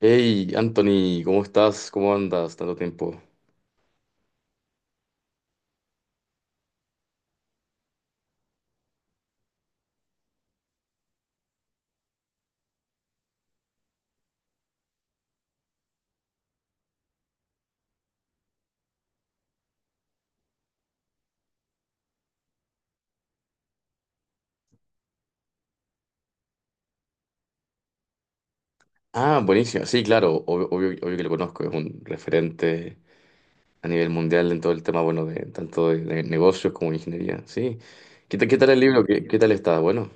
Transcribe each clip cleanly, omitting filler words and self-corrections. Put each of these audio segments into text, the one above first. Hey, Anthony, ¿cómo estás? ¿Cómo andas? Tanto tiempo. Ah, buenísimo. Sí, claro, obvio, obvio que lo conozco. Es un referente a nivel mundial en todo el tema, bueno, de tanto de negocios como de ingeniería. Sí. ¿Qué tal el libro? ¿Qué, qué tal está? Bueno,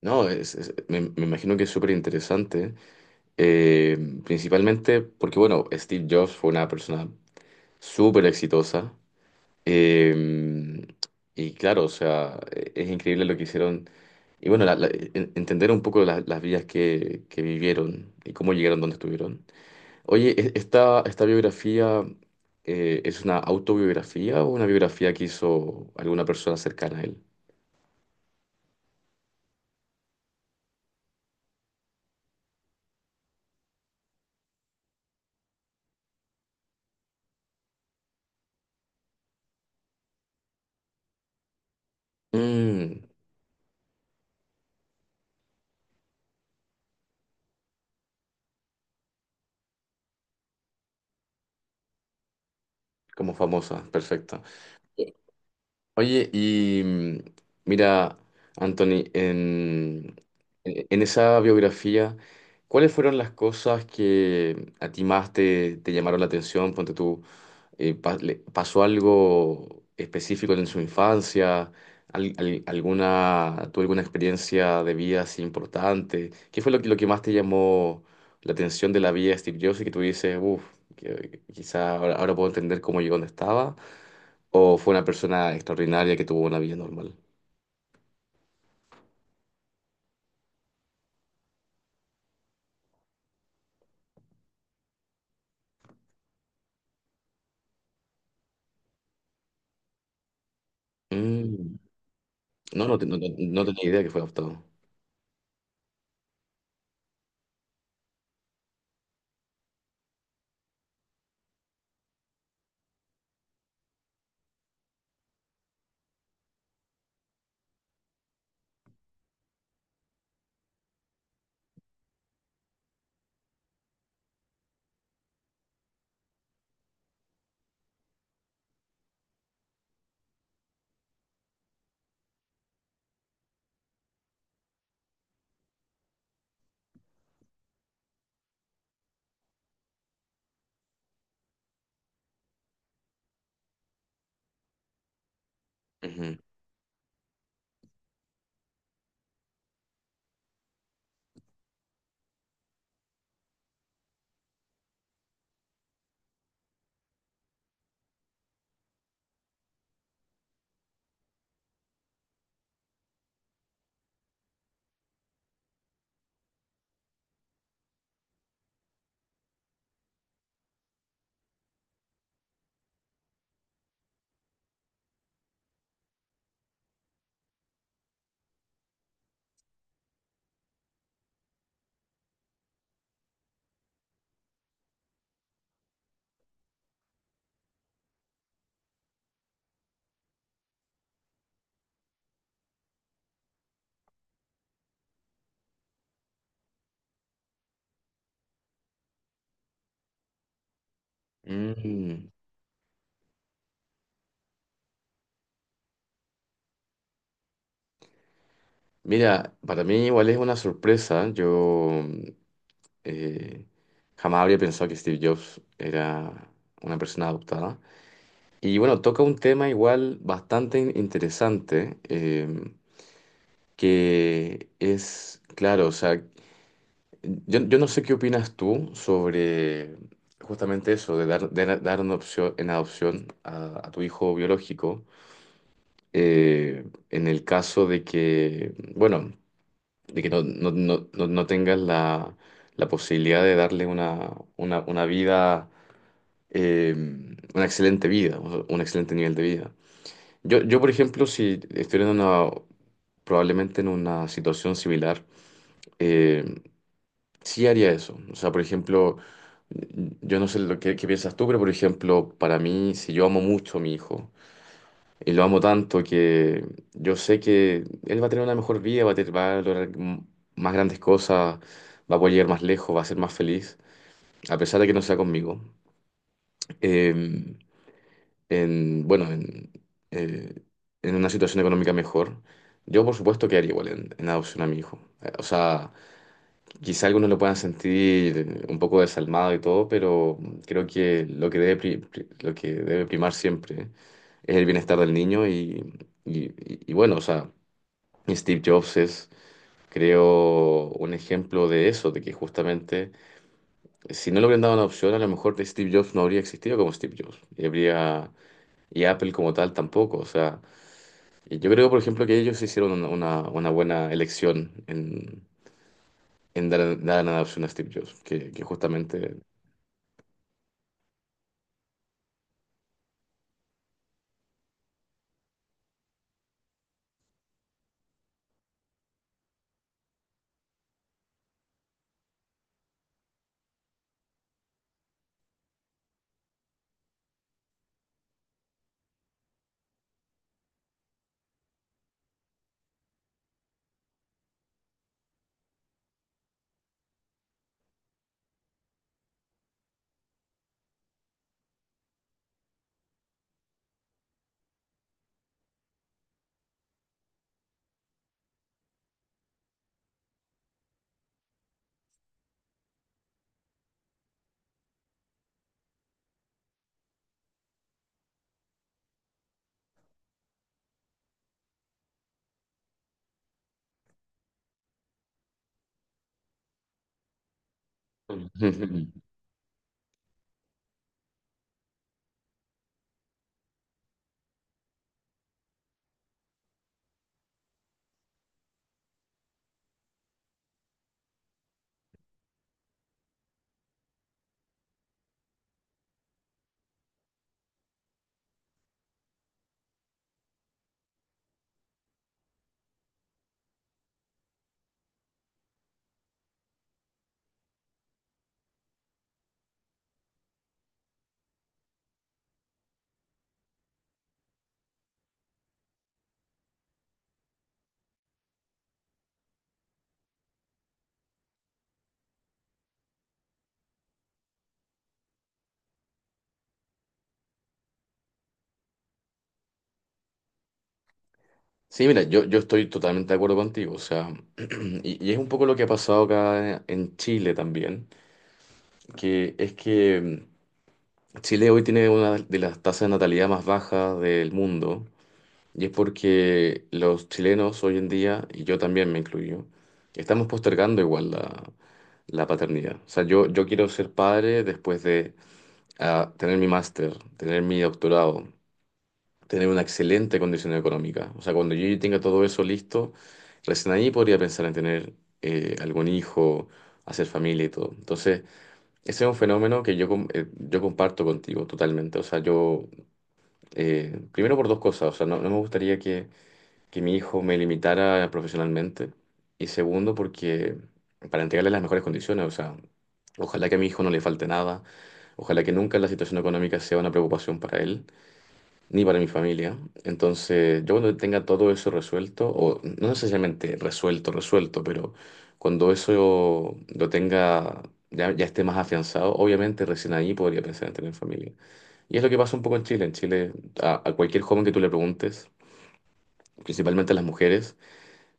no, me imagino que es súper interesante. eh, Principalmente porque, bueno, Steve Jobs fue una persona súper exitosa. eh, y claro, o sea, es increíble lo que hicieron. Y bueno, entender un poco las vidas que vivieron y cómo llegaron donde estuvieron. Oye, ¿esta, esta biografía es una autobiografía o una biografía que hizo alguna persona cercana a él? Mm, como famosa, perfecta. Oye, y mira, Anthony, en esa biografía, ¿cuáles fueron las cosas que a ti más te, te llamaron la atención? Ponte tú, pasó algo específico en su infancia. Alguna, tuvo alguna experiencia de vida así importante. ¿Qué fue lo que más te llamó la atención de la vida de Steve Jobs y que tú dices, uff, quizá ahora, ahora puedo entender cómo llegó donde estaba? ¿O fue una persona extraordinaria que tuvo una vida normal? Mm. No, no, no tenía idea que fue adoptado. Ujú. Mm. Mira, para mí igual es una sorpresa. Yo, Eh, jamás habría pensado que Steve Jobs era una persona adoptada. Y bueno, toca un tema igual bastante interesante, que es, claro, o sea, yo no sé qué opinas tú sobre justamente eso, de dar una opción, en adopción a tu hijo biológico, eh, en el caso de que, bueno, de que no tengas la, la posibilidad de darle una vida, eh, una excelente vida, un excelente nivel de vida. Yo, por ejemplo, si estuviera en una, probablemente en una situación similar, eh, sí haría eso. O sea, por ejemplo, yo no sé lo que, qué piensas tú, pero por ejemplo, para mí, si yo amo mucho a mi hijo y lo amo tanto que yo sé que él va a tener una mejor vida, va a, va a lograr más grandes cosas, va a poder llegar más lejos, va a ser más feliz, a pesar de que no sea conmigo. Em, en, bueno, en, eh, en una situación económica mejor, yo por supuesto quedaría igual en adopción a mi hijo. O sea, quizá algunos lo puedan sentir, un poco desalmado y todo, pero creo que lo que debe, lo que debe primar siempre es el bienestar del niño y, y bueno, o sea, Steve Jobs es... Creo un ejemplo de eso, de que justamente, si no le hubieran dado una opción, a lo mejor Steve Jobs no habría existido como Steve Jobs, y habría y Apple como tal tampoco. O sea, y yo creo, por ejemplo, que ellos hicieron una, una buena elección en dar, dar en adopción a Steve Jobs, que justamente... Mm. Sí, mira, yo estoy totalmente de acuerdo contigo, o sea, y es un poco lo que ha pasado acá en Chile también, que es que Chile hoy tiene una de las tasas de natalidad más bajas del mundo, y es porque los chilenos hoy en día, y yo también me incluyo, estamos postergando igual la, la paternidad. O sea, yo quiero ser padre después de, tener mi máster, tener mi doctorado, tener una excelente condición económica. O sea, cuando yo ya tenga todo eso listo, recién ahí podría pensar en tener, algún hijo, hacer familia y todo. Entonces, ese es un fenómeno que yo, yo comparto contigo totalmente. O sea, yo, primero por dos cosas, o sea, no me gustaría que mi hijo me limitara profesionalmente. Y segundo, porque para entregarle las mejores condiciones, o sea, ojalá que a mi hijo no le falte nada, ojalá que nunca la situación económica sea una preocupación para él, ni para mi familia. Entonces, yo cuando tenga todo eso resuelto, o no necesariamente resuelto, resuelto, pero cuando eso lo tenga... Ya, ya esté más afianzado, obviamente recién ahí podría pensar en tener familia. Y es lo que pasa un poco en Chile. En Chile, a cualquier joven que tú le preguntes, principalmente a las mujeres,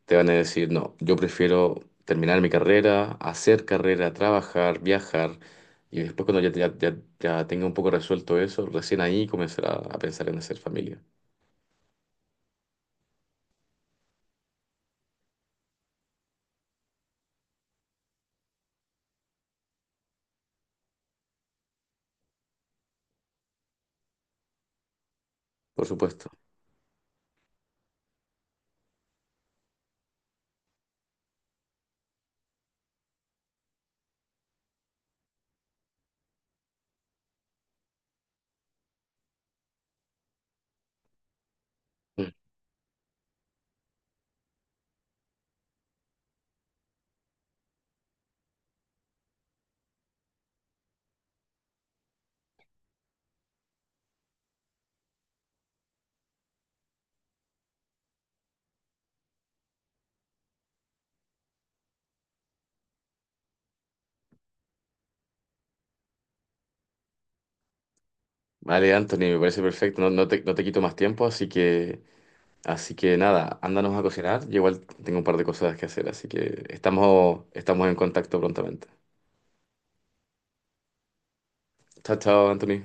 te van a decir, no, yo prefiero terminar mi carrera, hacer carrera, trabajar, viajar, y después cuando ya, ya, ya tenga un poco resuelto eso, recién ahí comenzará a pensar en hacer familia, por supuesto. Mm. Vale, Anthony, me parece perfecto, no, no te, no te quito más tiempo, así que nada, ándanos a cocinar, yo igual tengo un par de cosas que hacer, así que estamos, estamos en contacto prontamente. Chao, chao, Anthony.